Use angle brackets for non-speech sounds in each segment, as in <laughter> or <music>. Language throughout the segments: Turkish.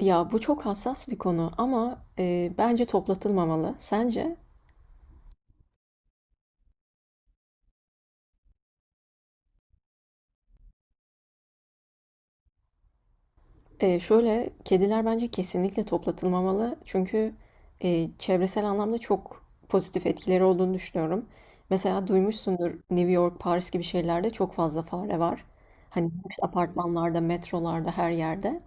Ya bu çok hassas bir konu ama bence toplatılmamalı. Sence? Şöyle kediler bence kesinlikle toplatılmamalı. Çünkü çevresel anlamda çok pozitif etkileri olduğunu düşünüyorum. Mesela duymuşsundur New York, Paris gibi şehirlerde çok fazla fare var. Hani lüks apartmanlarda, metrolarda, her yerde.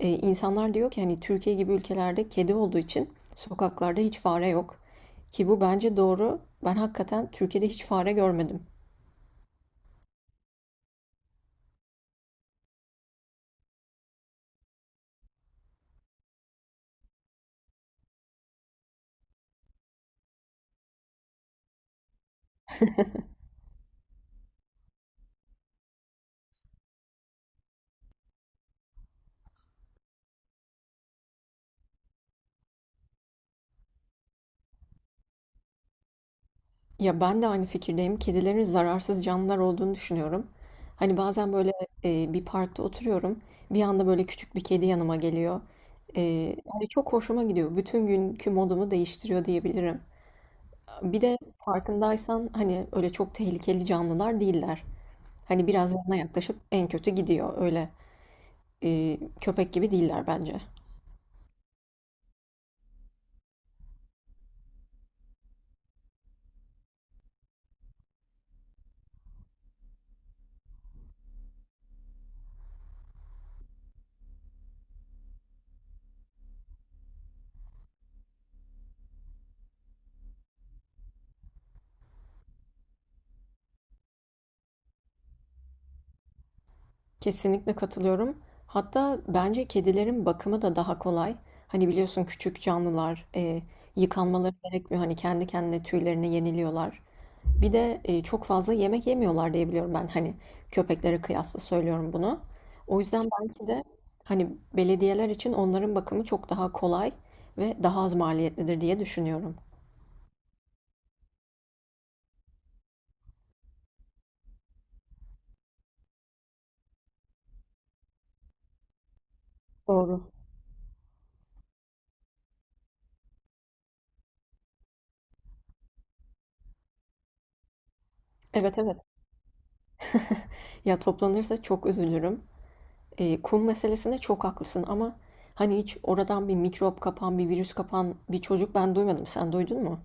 İnsanlar diyor ki hani Türkiye gibi ülkelerde kedi olduğu için sokaklarda hiç fare yok. Ki bu bence doğru. Ben hakikaten Türkiye'de hiç fare görmedim. Ya, ben de aynı fikirdeyim. Kedilerin zararsız canlılar olduğunu düşünüyorum. Hani, bazen, böyle, bir parkta oturuyorum, bir anda, böyle, küçük bir kedi yanıma geliyor. Eee, yani, çok hoşuma gidiyor. Bütün günkü modumu değiştiriyor diyebilirim. Bir de farkındaysan, hani, öyle çok tehlikeli canlılar değiller. Hani, biraz yanına yaklaşıp en kötü gidiyor. Öyle, köpek gibi değiller bence. Kesinlikle katılıyorum. Hatta bence kedilerin bakımı da daha kolay. Hani biliyorsun küçük canlılar yıkanmaları gerekmiyor. Hani kendi kendine tüylerini yeniliyorlar. Bir de çok fazla yemek yemiyorlar diye biliyorum ben. Hani köpeklere kıyasla söylüyorum bunu. O yüzden belki de hani belediyeler için onların bakımı çok daha kolay ve daha az maliyetlidir diye düşünüyorum. Doğru. Evet, evet. Ya toplanırsa çok üzülürüm. Kum meselesinde çok haklısın ama hani hiç oradan bir mikrop kapan, bir virüs kapan bir çocuk ben duymadım. Sen duydun mu?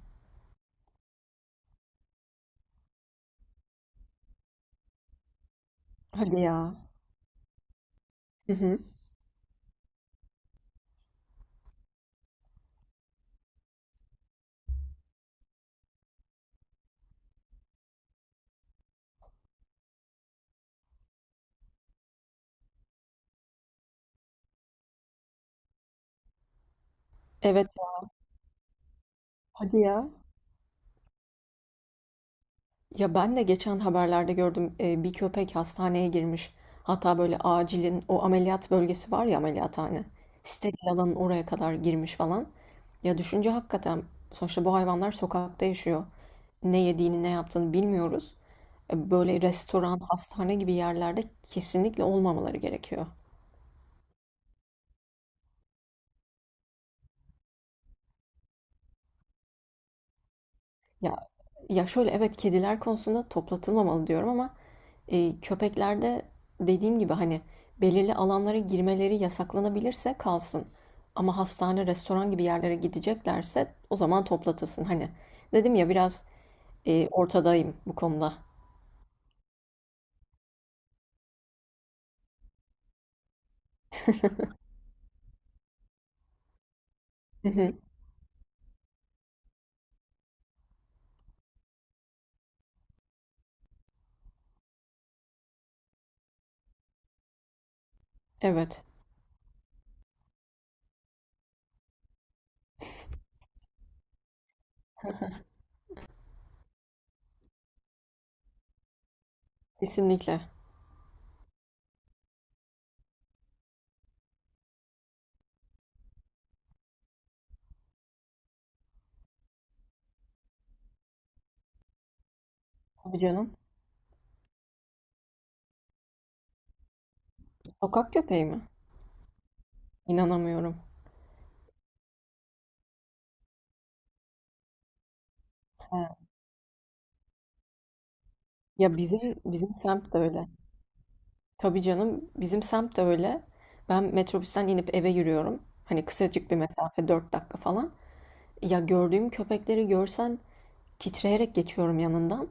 Hadi ya. Hı hı. Evet ya. Hadi ya. Ya ben de geçen haberlerde gördüm bir köpek hastaneye girmiş. Hatta böyle acilin o ameliyat bölgesi var ya, ameliyathane. Steril alanın oraya kadar girmiş falan. Ya düşünce hakikaten sonuçta bu hayvanlar sokakta yaşıyor. Ne yediğini ne yaptığını bilmiyoruz. Böyle restoran, hastane gibi yerlerde kesinlikle olmamaları gerekiyor. Ya ya, şöyle evet, kediler konusunda toplatılmamalı diyorum ama köpeklerde dediğim gibi hani belirli alanlara girmeleri yasaklanabilirse kalsın. Ama hastane, restoran gibi yerlere gideceklerse o zaman toplatılsın. Hani dedim ya biraz ortadayım bu konuda. Hı hı. Evet, kesinlikle. Tabii canım. Sokak köpeği mi? İnanamıyorum. Ha. Ya bizim semt de öyle. Tabii canım, bizim semt de öyle. Ben metrobüsten inip eve yürüyorum. Hani kısacık bir mesafe, 4 dakika falan. Ya gördüğüm köpekleri görsen titreyerek geçiyorum yanından.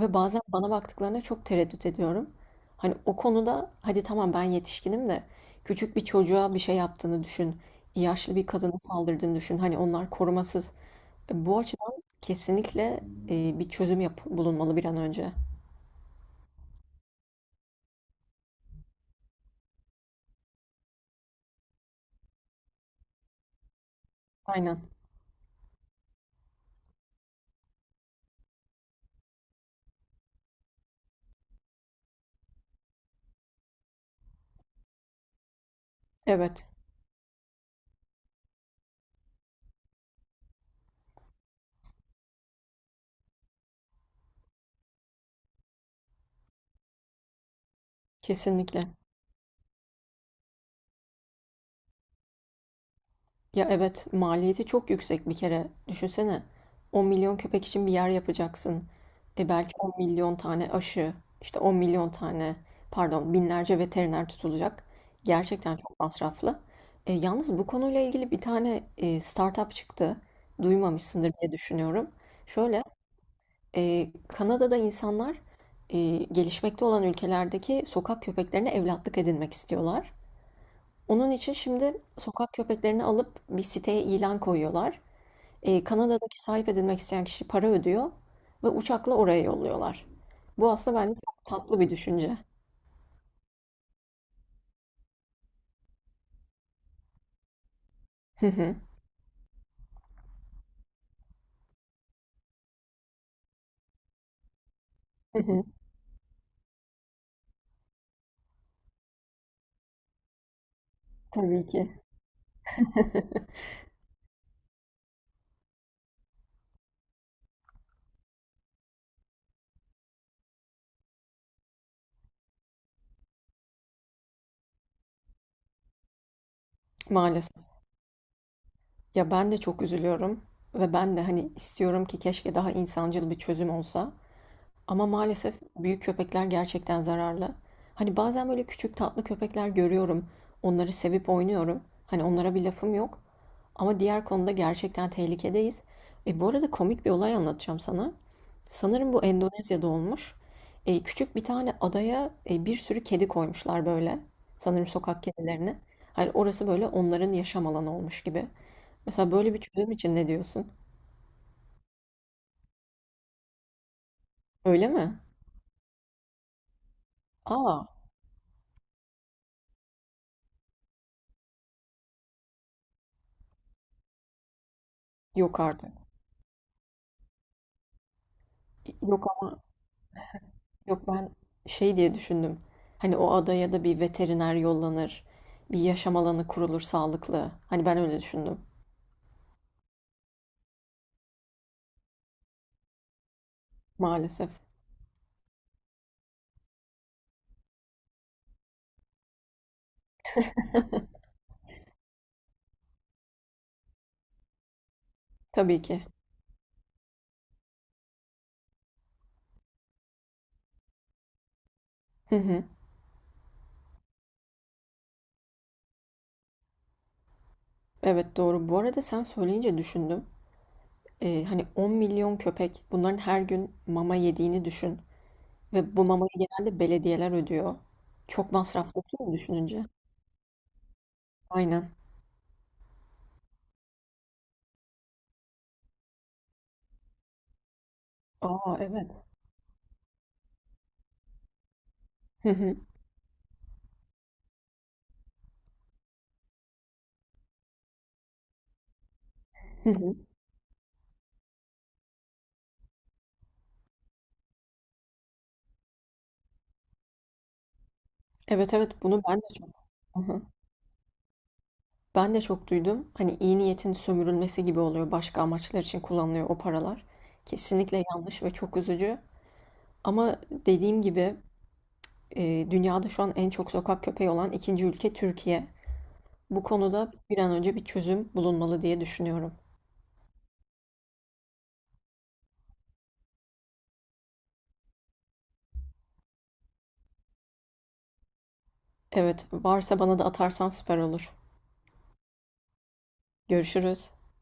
Ve bazen bana baktıklarında çok tereddüt ediyorum. Hani o konuda hadi tamam, ben yetişkinim de küçük bir çocuğa bir şey yaptığını düşün. Yaşlı bir kadına saldırdığını düşün. Hani onlar korumasız. Bu açıdan kesinlikle bir çözüm bulunmalı bir an önce. Aynen. Evet, kesinlikle. Ya evet, maliyeti çok yüksek bir kere. Düşünsene, 10 milyon köpek için bir yer yapacaksın. E belki 10 milyon tane aşı, işte 10 milyon tane, pardon, binlerce veteriner tutulacak. Gerçekten çok masraflı. Yalnız bu konuyla ilgili bir tane startup çıktı. Duymamışsındır diye düşünüyorum. Şöyle, Kanada'da insanlar gelişmekte olan ülkelerdeki sokak köpeklerine evlatlık edinmek istiyorlar. Onun için şimdi sokak köpeklerini alıp bir siteye ilan koyuyorlar. Kanada'daki sahip edilmek isteyen kişi para ödüyor ve uçakla oraya yolluyorlar. Bu aslında bence çok tatlı bir düşünce. <laughs> Hı hı, hı hı. Tabii ki. <laughs> Maalesef. Ya ben de çok üzülüyorum ve ben de hani istiyorum ki keşke daha insancıl bir çözüm olsa. Ama maalesef büyük köpekler gerçekten zararlı. Hani bazen böyle küçük tatlı köpekler görüyorum. Onları sevip oynuyorum. Hani onlara bir lafım yok. Ama diğer konuda gerçekten tehlikedeyiz. Bu arada komik bir olay anlatacağım sana. Sanırım bu Endonezya'da olmuş. Küçük bir tane adaya bir sürü kedi koymuşlar böyle. Sanırım sokak kedilerini. Hani orası böyle onların yaşam alanı olmuş gibi. Mesela böyle bir çözüm için ne diyorsun? Öyle mi? Aa, yok artık. Yok ama- yok, ben şey diye düşündüm. Hani o adaya da bir veteriner yollanır, bir yaşam alanı kurulur sağlıklı. Hani ben öyle düşündüm. Maalesef. Tabii ki. <laughs> Evet, doğru. Bu arada sen söyleyince düşündüm. Hani 10 milyon köpek, bunların her gün mama yediğini düşün. Ve bu mamayı genelde belediyeler ödüyor. Çok masraflı değil mi düşününce? Aynen. Aa evet. Hı hı, hı hı. Evet, evet, bunu ben de çok hı hı. Ben de çok duydum. Hani iyi niyetin sömürülmesi gibi oluyor. Başka amaçlar için kullanılıyor o paralar. Kesinlikle yanlış ve çok üzücü. Ama dediğim gibi dünyada şu an en çok sokak köpeği olan ikinci ülke Türkiye. Bu konuda bir an önce bir çözüm bulunmalı diye düşünüyorum. Evet, varsa bana da atarsan süper olur. Görüşürüz.